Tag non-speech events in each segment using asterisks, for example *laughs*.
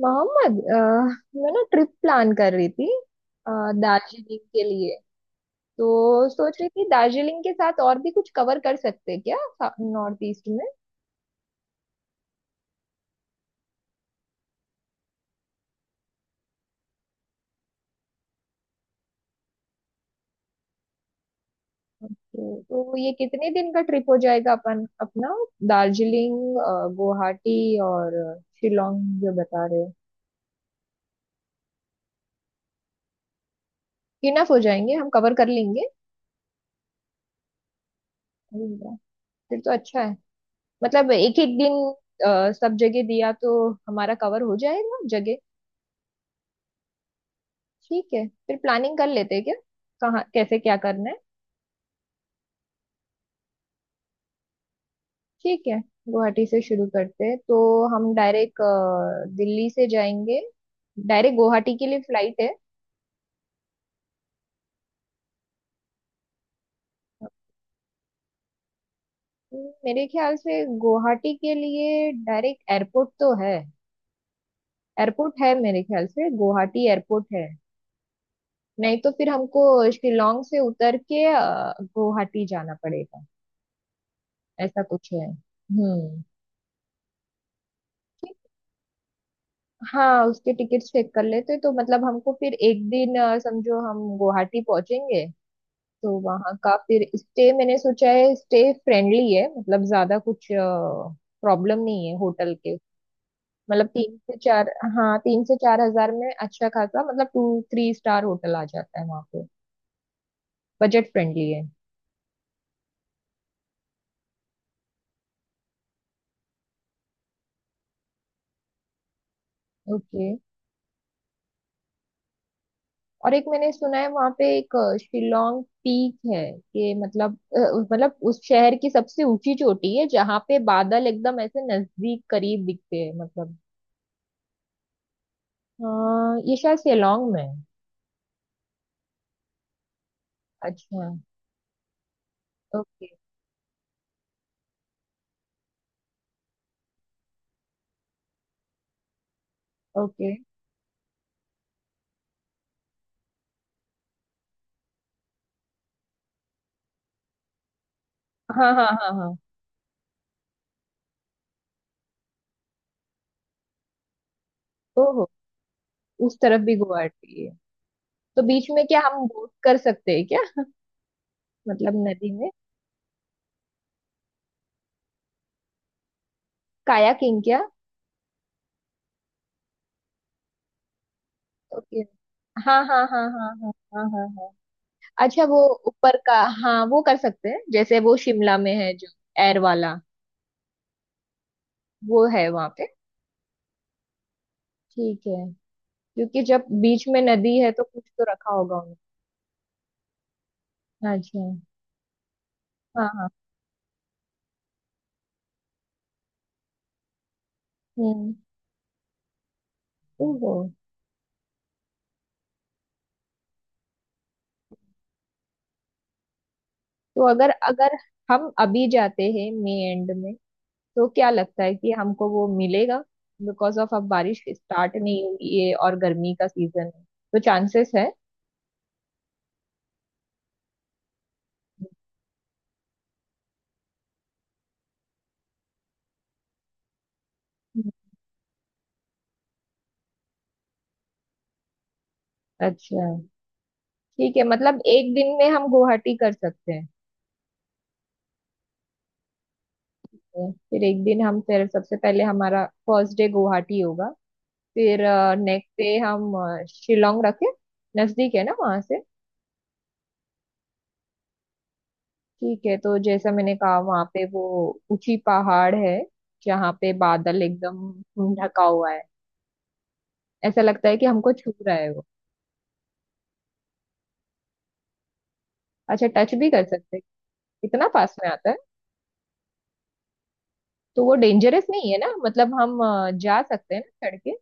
मोहम्मद मैं ना trip plan कर रही थी अ, दार्जिलिंग के लिए। तो सोच रही थी दार्जिलिंग के साथ और भी कुछ कवर कर सकते हैं क्या नॉर्थ ईस्ट में। ओके, तो ये कितने दिन का ट्रिप हो जाएगा अपन अपना? दार्जिलिंग, गुवाहाटी और शिलोंग जो बता रहे हो। इनफ हो जाएंगे, हम कवर कर लेंगे। अरे वाह, फिर तो अच्छा है। मतलब एक एक दिन सब जगह दिया तो हमारा कवर हो जाएगा जगह। ठीक है, फिर प्लानिंग कर लेते हैं क्या, कहाँ कैसे क्या करना है। ठीक है, गुवाहाटी से शुरू करते हैं तो हम डायरेक्ट दिल्ली से जाएंगे। डायरेक्ट गुवाहाटी के लिए फ्लाइट है। मेरे ख्याल से गुवाहाटी के लिए डायरेक्ट एयरपोर्ट तो है। एयरपोर्ट है मेरे ख्याल से, गुवाहाटी एयरपोर्ट है। नहीं तो फिर हमको शिलोंग से उतर के गुवाहाटी जाना पड़ेगा, ऐसा कुछ है। हम्म। हाँ उसके टिकट्स चेक कर लेते, तो मतलब हमको फिर एक दिन समझो हम गुवाहाटी पहुंचेंगे, तो वहाँ का फिर स्टे मैंने सोचा है, स्टे फ्रेंडली है, मतलब ज्यादा कुछ प्रॉब्लम नहीं है होटल के। मतलब तीन से चार, हाँ 3 से 4 हज़ार में अच्छा खासा मतलब टू थ्री स्टार होटल आ जाता है वहाँ पे। बजट फ्रेंडली है। ओके। और एक मैंने सुना है वहां पे एक शिलोंग पीक है कि मतलब अ, उस शहर की सबसे ऊंची चोटी है जहाँ पे बादल एकदम ऐसे नजदीक करीब दिखते हैं, मतलब। हाँ ये शायद शिलोंग में है। अच्छा। ओके। ओके। हाँ हाँ हाँ हाँ। ओहो, उस तरफ भी गुवाहाटी है। तो बीच में क्या हम बोट कर सकते हैं क्या, मतलब नदी में? कायाकिंग क्या? ओके। हाँ हाँ हाँ हाँ हाँ हाँ हाँ हाँ। अच्छा वो ऊपर का। हाँ वो कर सकते हैं, जैसे वो शिमला में है जो एयर वाला, वो है वहां पे। ठीक है, क्योंकि जब बीच में नदी है तो कुछ तो रखा होगा उन्होंने। अच्छा। हाँ हाँ। हम्म। ओहो। तो अगर अगर हम अभी जाते हैं मई एंड में तो क्या लगता है कि हमको वो मिलेगा? बिकॉज ऑफ अब बारिश स्टार्ट नहीं हुई है और गर्मी का सीजन है, तो चांसेस है। हम्म। अच्छा। ठीक है, मतलब एक दिन में हम गुवाहाटी कर सकते हैं है। फिर एक दिन हम, फिर सबसे पहले हमारा फर्स्ट डे गुवाहाटी होगा, फिर नेक्स्ट डे हम शिलोंग रखे। नजदीक है ना वहां से। ठीक है, तो जैसा मैंने कहा, वहां पे वो ऊंची पहाड़ है, जहाँ पे बादल एकदम ढका हुआ है, ऐसा लगता है कि हमको छू रहा है वो। अच्छा टच भी कर सकते हैं। इतना पास में आता है। तो वो डेंजरस नहीं है ना, मतलब हम जा सकते हैं ना चढ़ के?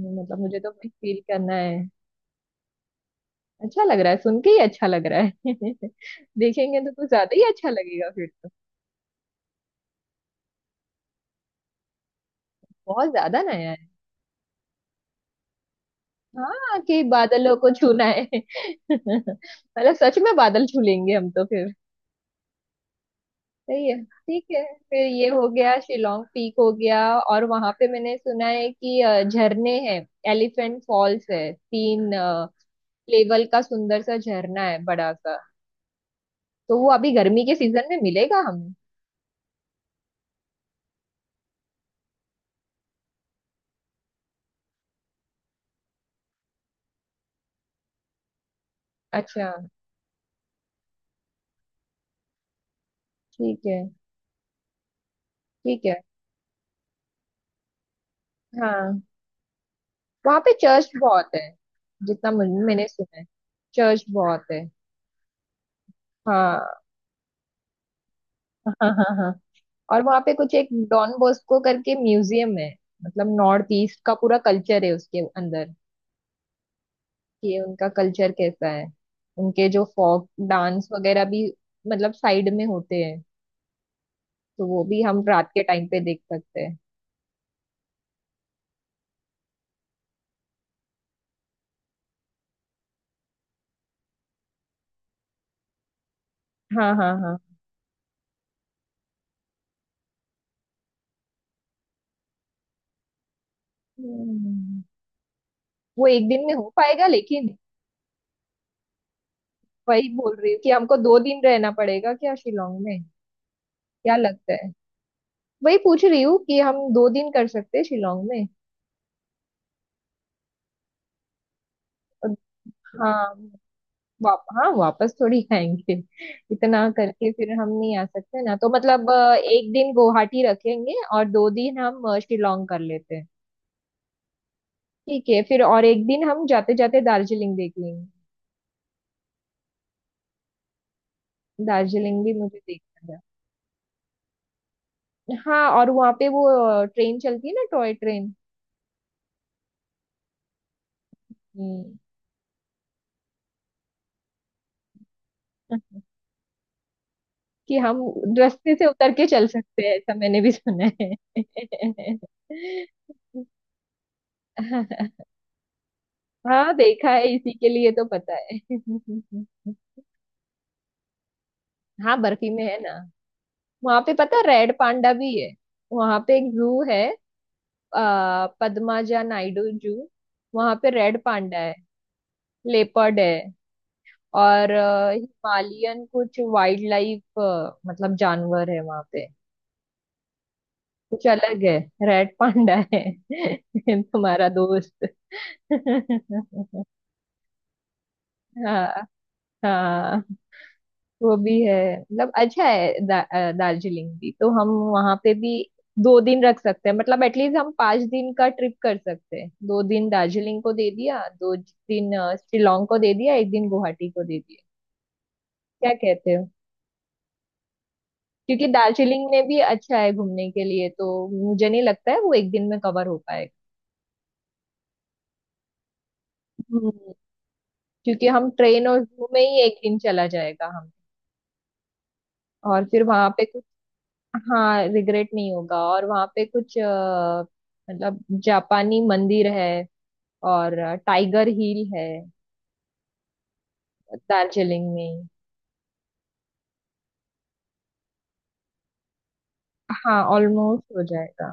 मतलब मुझे तो फील करना है। अच्छा लग रहा है सुन के ही अच्छा लग रहा है *laughs* देखेंगे तो कुछ ज्यादा ही अच्छा लगेगा फिर तो। बहुत ज्यादा नया है। हाँ, कि बादलों को छूना है। *laughs* मतलब सच में बादल छू लेंगे हम तो फिर। सही है, ठीक है। फिर ये हो गया, शिलोंग पीक हो गया, और वहां पे मैंने सुना है कि झरने हैं। एलिफेंट फॉल्स है, तीन लेवल का सुंदर सा झरना है, बड़ा सा। तो वो अभी गर्मी के सीजन में मिलेगा हमें। अच्छा। ठीक है। ठीक है। हाँ वहां पे चर्च बहुत है जितना मैंने सुना है। चर्च बहुत है। हाँ हाँ हाँ हाँ। और वहां पे कुछ एक डॉन बॉस्को करके म्यूजियम है, मतलब नॉर्थ ईस्ट का पूरा कल्चर है उसके अंदर, कि उनका कल्चर कैसा है। उनके जो फोक डांस वगैरह भी, मतलब साइड में होते हैं, तो वो भी हम रात के टाइम पे देख सकते हैं। हाँ हाँ हाँ। हम्म, वो एक दिन में हो पाएगा लेकिन? वही बोल रही हूँ कि हमको 2 दिन रहना पड़ेगा क्या शिलोंग में? क्या लगता है? वही पूछ रही हूँ कि हम दो दिन कर सकते हैं शिलोंग में। और हाँ, हाँ वापस थोड़ी आएंगे। इतना करके फिर हम नहीं आ सकते ना, तो मतलब एक दिन गुवाहाटी रखेंगे और दो दिन हम शिलोंग कर लेते हैं। ठीक है, फिर और एक दिन हम जाते जाते दार्जिलिंग देख लेंगे। दार्जिलिंग भी मुझे देखना है। हाँ, और वहाँ पे वो ट्रेन चलती है ना, टॉय ट्रेन। हम्म, कि हम रास्ते से उतर के चल सकते हैं, ऐसा मैंने भी सुना है। *laughs* हाँ देखा है इसी के लिए तो पता है। *laughs* हाँ बर्फी में है ना। वहां पे पता है रेड पांडा भी है। वहां पे एक जू है, पद्माजा नायडू जू। वहां पे रेड पांडा है, लेपर्ड है, और हिमालयन कुछ वाइल्ड लाइफ, मतलब जानवर है वहां पे। कुछ अलग है। रेड पांडा है। *laughs* तुम्हारा दोस्त। *laughs* हाँ हाँ, वो भी है। मतलब अच्छा है, दार्जिलिंग भी तो हम वहां पे भी दो दिन रख सकते हैं। मतलब एटलीस्ट हम 5 दिन का ट्रिप कर सकते हैं। 2 दिन दार्जिलिंग को दे दिया, दो दिन शिलोंग को दे दिया, एक दिन गुवाहाटी को दे दिया। क्या कहते हो? क्योंकि दार्जिलिंग में भी अच्छा है घूमने के लिए, तो मुझे नहीं लगता है वो एक दिन में कवर हो पाएगा। हम्म, क्योंकि हम ट्रेन और जू में ही एक दिन चला जाएगा हम। और फिर वहां पे हाँ, रिग्रेट नहीं होगा। और वहाँ पे कुछ मतलब जापानी मंदिर है, और टाइगर हिल है दार्जिलिंग में ही। हाँ ऑलमोस्ट हो जाएगा।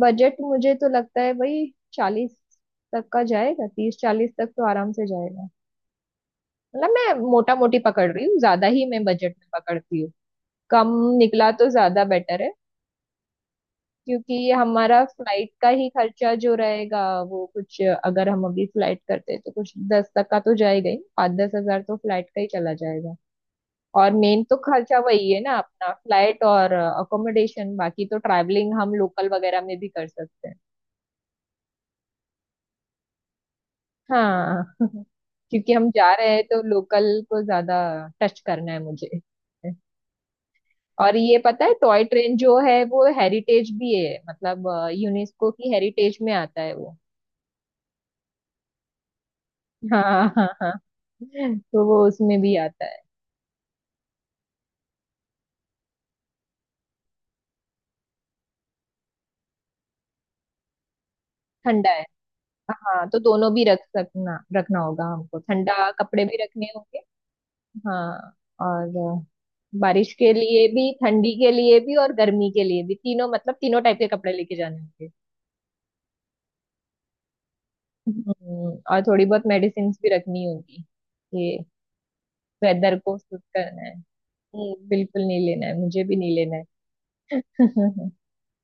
बजट मुझे तो लगता है भाई 40 तक का जाएगा, 30-40 तक तो आराम से जाएगा। मतलब मैं मोटा मोटी पकड़ रही हूँ, ज्यादा ही मैं बजट में पकड़ती हूँ, कम निकला तो ज्यादा बेटर है। क्योंकि ये हमारा फ्लाइट का ही खर्चा जो रहेगा, वो कुछ अगर हम अभी फ्लाइट करते हैं तो कुछ 10 तक का तो जाएगा ही, 5-10 हज़ार तो फ्लाइट का ही चला जाएगा। और मेन तो खर्चा वही है ना अपना, फ्लाइट और अकोमोडेशन। बाकी तो ट्रैवलिंग हम लोकल वगैरह में भी कर सकते हैं। हाँ *laughs* क्योंकि हम जा रहे हैं तो लोकल को ज्यादा टच करना है मुझे। और ये पता है टॉय ट्रेन जो है वो हेरिटेज भी है, मतलब यूनेस्को की हेरिटेज में आता है वो। हाँ हाँ हाँ। तो वो उसमें भी आता है। ठंडा है। हाँ, तो दोनों भी रख सकना रखना होगा हमको, ठंडा कपड़े भी रखने होंगे। हाँ और बारिश के लिए भी, ठंडी के लिए भी और गर्मी के लिए भी, तीनों मतलब तीनों टाइप के कपड़े लेके जाने होंगे। और थोड़ी बहुत मेडिसिन भी रखनी होगी ये, वेदर को सूट करना है। बिल्कुल नहीं लेना है, मुझे भी नहीं लेना है। *laughs*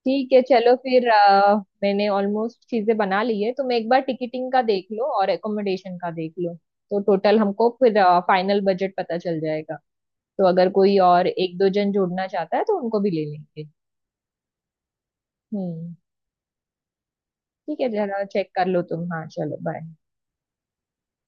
ठीक है, चलो फिर मैंने ऑलमोस्ट चीजें बना ली है। तुम एक बार टिकटिंग का देख लो और एकोमोडेशन का देख लो, तो टोटल हमको फिर फाइनल बजट पता चल जाएगा। तो अगर कोई और एक दो जन जोड़ना चाहता है तो उनको भी ले लेंगे। हम्म। ठीक है, जरा चेक कर लो तुम, हाँ चलो बाय।